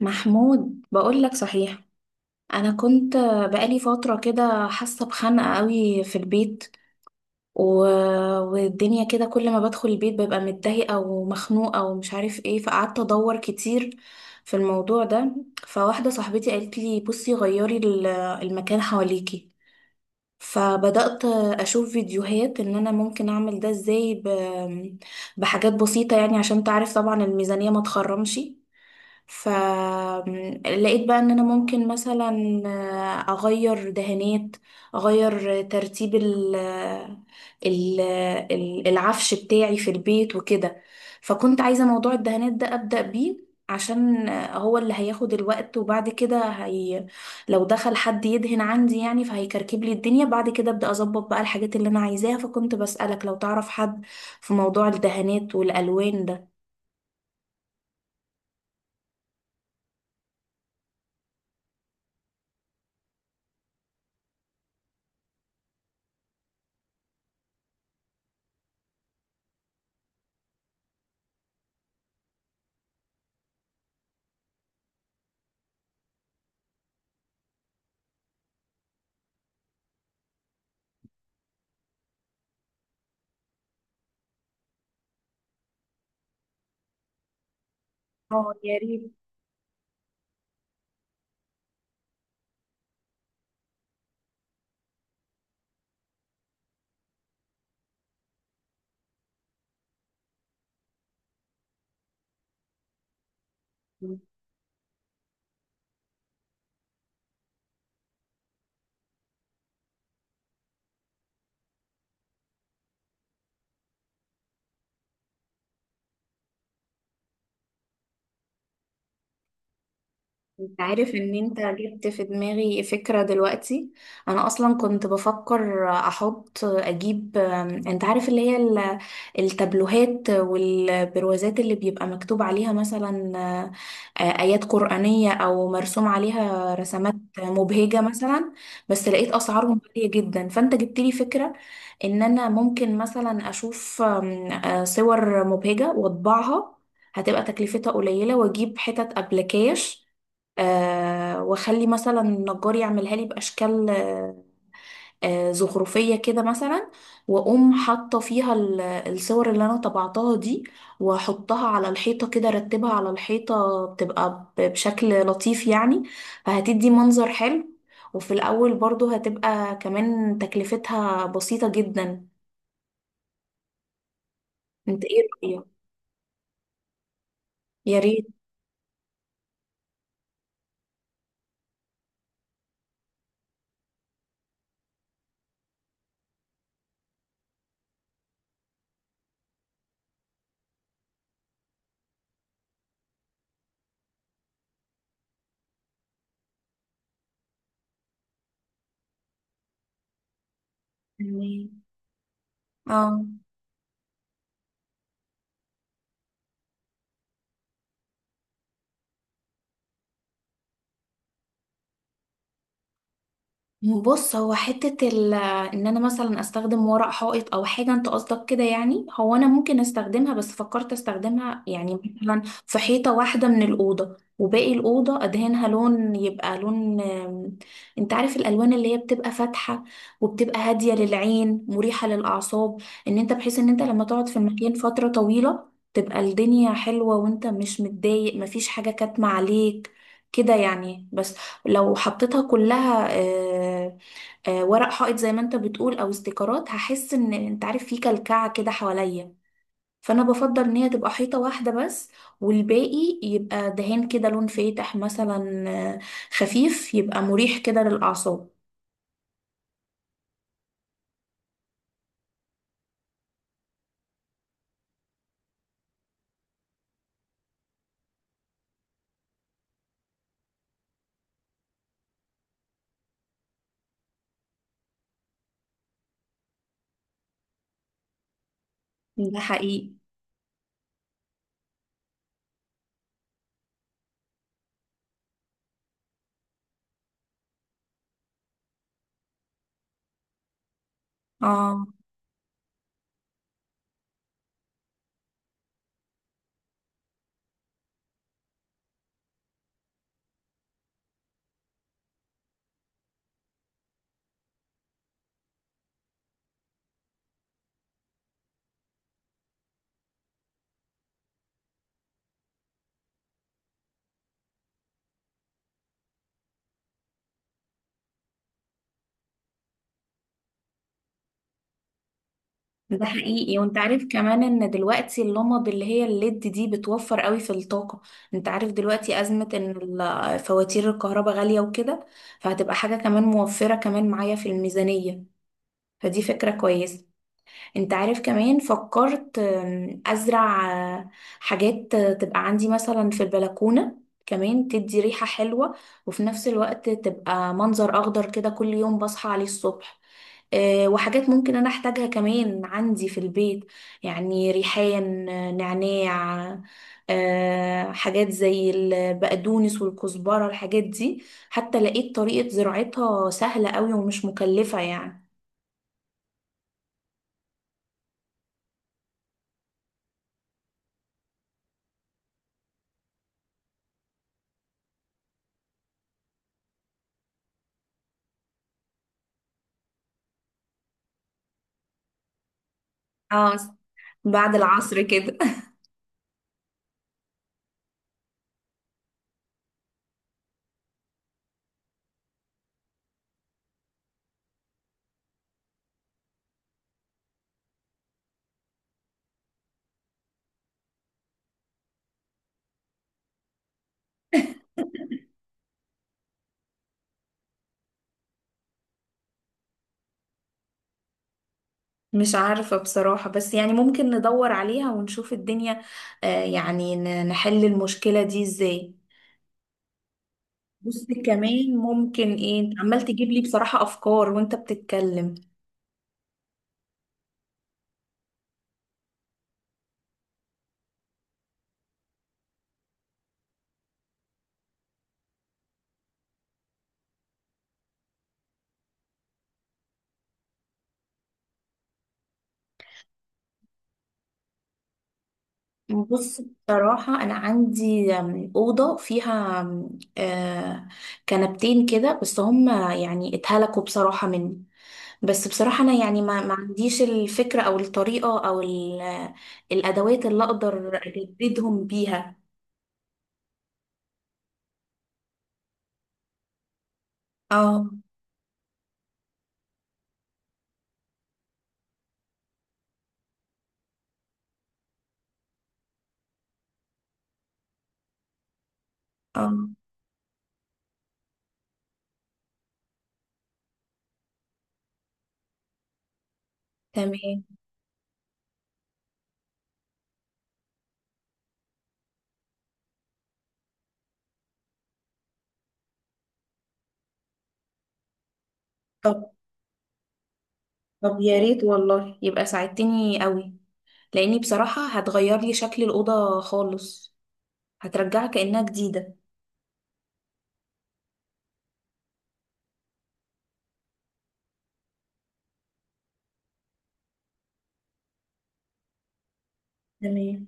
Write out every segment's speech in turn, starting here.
محمود، بقول لك صحيح. انا كنت بقالي فتره كده حاسه بخنقه قوي في البيت و... والدنيا كده، كل ما بدخل البيت ببقى متضايقه ومخنوقه ومش عارف ايه. فقعدت ادور كتير في الموضوع ده. فواحده صاحبتي قالت لي: بصي، غيري المكان حواليكي. فبدأت أشوف فيديوهات إن أنا ممكن أعمل ده إزاي بحاجات بسيطة، يعني عشان تعرف طبعا الميزانية ما تخرمش. فلقيت بقى ان انا ممكن مثلا، اغير دهانات، اغير ترتيب ال العفش بتاعي في البيت وكده. فكنت عايزة موضوع الدهانات ده ابدأ بيه، عشان هو اللي هياخد الوقت، وبعد كده هي لو دخل حد يدهن عندي يعني فهيكركب لي الدنيا، بعد كده ابدأ اظبط بقى الحاجات اللي انا عايزاها. فكنت بسألك لو تعرف حد في موضوع الدهانات والالوان ده. اه يا ريت. انت عارف ان انت جبت في دماغي فكرة دلوقتي. انا اصلا كنت بفكر احط اجيب، انت عارف اللي هي التابلوهات والبروازات اللي بيبقى مكتوب عليها مثلا ايات قرآنية او مرسوم عليها رسمات مبهجة مثلا. بس لقيت اسعارهم غالية جدا. فانت جبت لي فكرة ان انا ممكن مثلا اشوف آم، آه، صور مبهجة واطبعها. هتبقى تكلفتها قليلة، واجيب حتت ابلكاش، واخلي مثلا النجار يعملها لي باشكال زخرفيه كده مثلا. واقوم حاطه فيها الصور اللي انا طبعتها دي، واحطها على الحيطه كده، ارتبها على الحيطه بتبقى بشكل لطيف يعني. فهتدي منظر حلو. وفي الاول برضو هتبقى كمان تكلفتها بسيطه جدا. انت ايه رايك؟ يا ريت. تمام. اه. بص، هو حتة ال ان انا مثلا استخدم ورق حائط او حاجة، انت قصدك كده يعني؟ هو انا ممكن استخدمها، بس فكرت استخدمها يعني مثلا في حيطة واحدة من الأوضة، وباقي الأوضة ادهنها لون. يبقى لون انت عارف الألوان اللي هي بتبقى فاتحة، وبتبقى هادية للعين، مريحة للأعصاب. ان انت بحيث ان انت لما تقعد في المكان فترة طويلة تبقى الدنيا حلوة، وانت مش متضايق، مفيش حاجة كاتمة عليك كده يعني. بس لو حطيتها كلها ورق حائط زي ما انت بتقول او استيكرات، هحس ان انت عارف في كلكعة كده حواليا. فانا بفضل ان هي تبقى حيطة واحدة بس، والباقي يبقى دهان كده لون فاتح مثلا، آه، خفيف، يبقى مريح كده للأعصاب. ده حقيقي. اه. ده حقيقي. وانت عارف كمان ان دلوقتي اللمض اللي هي الليد دي بتوفر قوي في الطاقة. انت عارف دلوقتي ازمة ان فواتير الكهرباء غالية وكده، فهتبقى حاجة كمان موفرة كمان معايا في الميزانية. فدي فكرة كويسة. انت عارف كمان فكرت ازرع آه، حاجات تبقى عندي مثلا في البلكونة، كمان تدي ريحة حلوة، وفي نفس الوقت تبقى منظر اخضر كده كل يوم بصحى عليه الصبح. وحاجات ممكن انا احتاجها كمان عندي في البيت، يعني ريحان، نعناع، حاجات زي البقدونس والكزبرة الحاجات دي. حتى لقيت طريقة زراعتها سهلة قوي ومش مكلفة يعني. اه، بعد العصر كده. مش عارفة بصراحة، بس يعني ممكن ندور عليها ونشوف الدنيا يعني نحل المشكلة دي ازاي. بص كمان، ممكن ايه، عمال تجيب لي بصراحة افكار وانت بتتكلم. بص بصراحة انا عندي أوضة فيها آم، آه، كنبتين كده، بس هم يعني اتهلكوا بصراحة مني. بس بصراحة انا يعني ما عنديش الفكرة او الطريقة او الادوات اللي اقدر اجددهم بيها. اه. اه. تمام. طب طب يا ريت والله، يبقى ساعدتني قوي، لاني بصراحة هتغير لي شكل الأوضة خالص، هترجعها كأنها جديدة. تمام.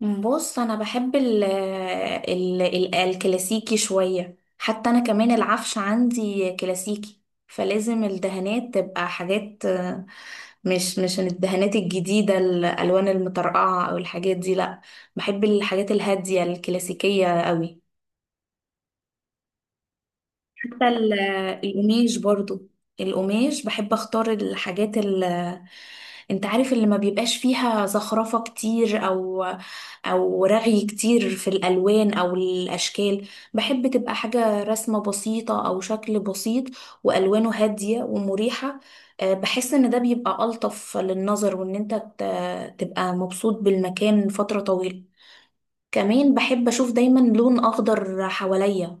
بص انا بحب ال ال ال الكلاسيكي شوية. حتى انا كمان العفش عندي كلاسيكي، فلازم الدهانات تبقى حاجات مش الدهانات الجديدة الألوان المطرقعة أو الحاجات دي، لأ. بحب الحاجات الهادية الكلاسيكية قوي. حتى القماش برضو، القماش بحب اختار الحاجات ال انت عارف اللي ما بيبقاش فيها زخرفة كتير او او رغي كتير في الالوان او الاشكال. بحب تبقى حاجة رسمة بسيطة او شكل بسيط، والوانه هادية ومريحة. بحس ان ده بيبقى الطف للنظر، وان انت تبقى مبسوط بالمكان فترة طويلة. كمان بحب اشوف دايما لون اخضر حواليا.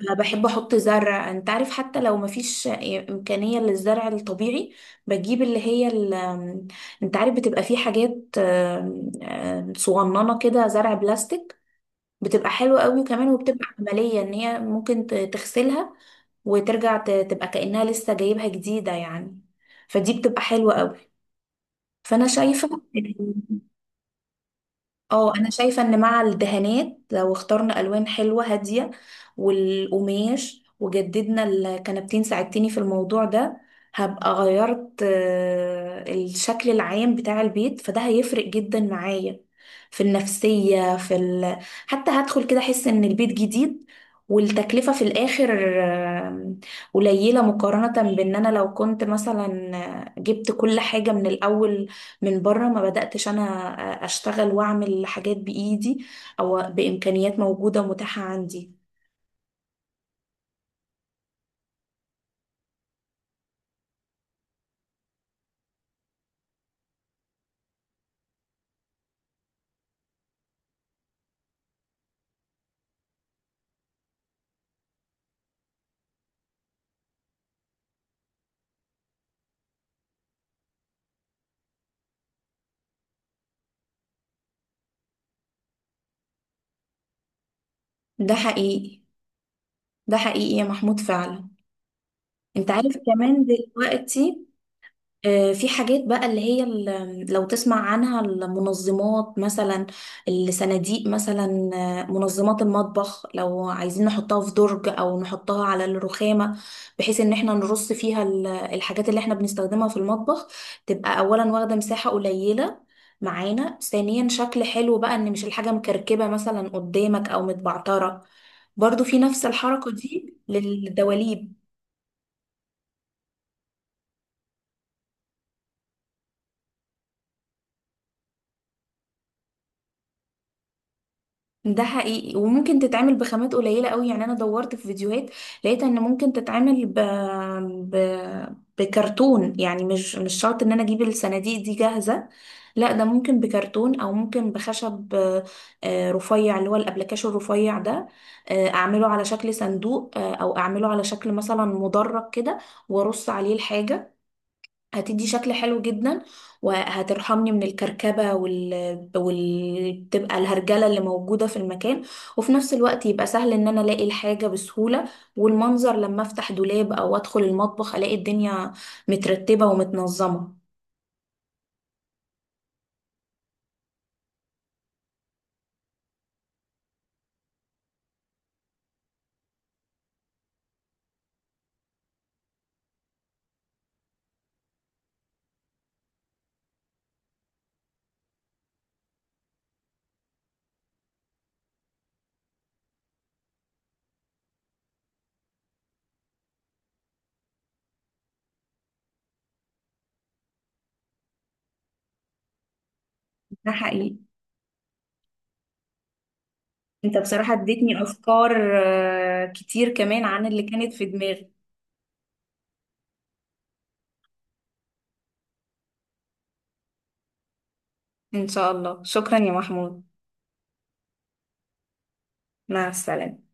أنا بحب احط زرع. انت عارف حتى لو مفيش امكانية للزرع الطبيعي، بجيب انت عارف بتبقى في حاجات آم، آم، صغننة كده، زرع بلاستيك. بتبقى حلوة قوي وكمان، وبتبقى عملية ان هي ممكن تغسلها وترجع تبقى كأنها لسه جايبها جديدة يعني. فدي بتبقى حلوة قوي. فانا شايفة. اه انا شايفه ان مع الدهانات، لو اخترنا الوان حلوه هاديه والقماش، وجددنا الكنبتين، ساعدتني في الموضوع ده. هبقى غيرت الشكل العام بتاع البيت، فده هيفرق جدا معايا في النفسيه. حتى هدخل كده احس ان البيت جديد. والتكلفه في الاخر آه، قليله، مقارنه بان انا لو كنت مثلا جبت كل حاجه من الاول من بره، ما بدأتش أنا أشتغل وأعمل حاجات بإيدي أو بإمكانيات موجودة ومتاحة عندي. ده حقيقي. ده حقيقي يا محمود فعلا. أنت عارف كمان دلوقتي في حاجات بقى اللي هي ال لو تسمع عنها المنظمات مثلا، الصناديق مثلا، منظمات المطبخ. لو عايزين نحطها في درج او نحطها على الرخامة، بحيث ان احنا نرص فيها الحاجات اللي احنا بنستخدمها في المطبخ، تبقى اولا واخدة مساحة قليلة معانا، ثانيا شكل حلو بقى، ان مش الحاجة مكركبة مثلا قدامك او متبعترة. برضو في نفس الحركة دي للدواليب. ده حقيقي، وممكن تتعمل بخامات قليلة قوي. يعني انا دورت في فيديوهات، لقيت ان ممكن تتعمل ب... بكرتون. يعني مش شرط ان انا اجيب الصناديق دي جاهزة، لا، ده ممكن بكرتون او ممكن بخشب رفيع، اللي هو الابلكاش الرفيع ده. اعمله على شكل صندوق، او اعمله على شكل مثلا مدرج كده وارص عليه الحاجة. هتدي شكل حلو جدا. وهترحمني من الكركبة. تبقى الهرجلة اللي موجودة في المكان. وفي نفس الوقت يبقى سهل ان انا الاقي الحاجة بسهولة، والمنظر لما افتح دولاب او ادخل المطبخ الاقي الدنيا مترتبة ومتنظمة. ده حقيقي. انت بصراحة اديتني افكار كتير كمان عن اللي كانت في دماغي. ان شاء الله. شكرا يا محمود. مع السلامة.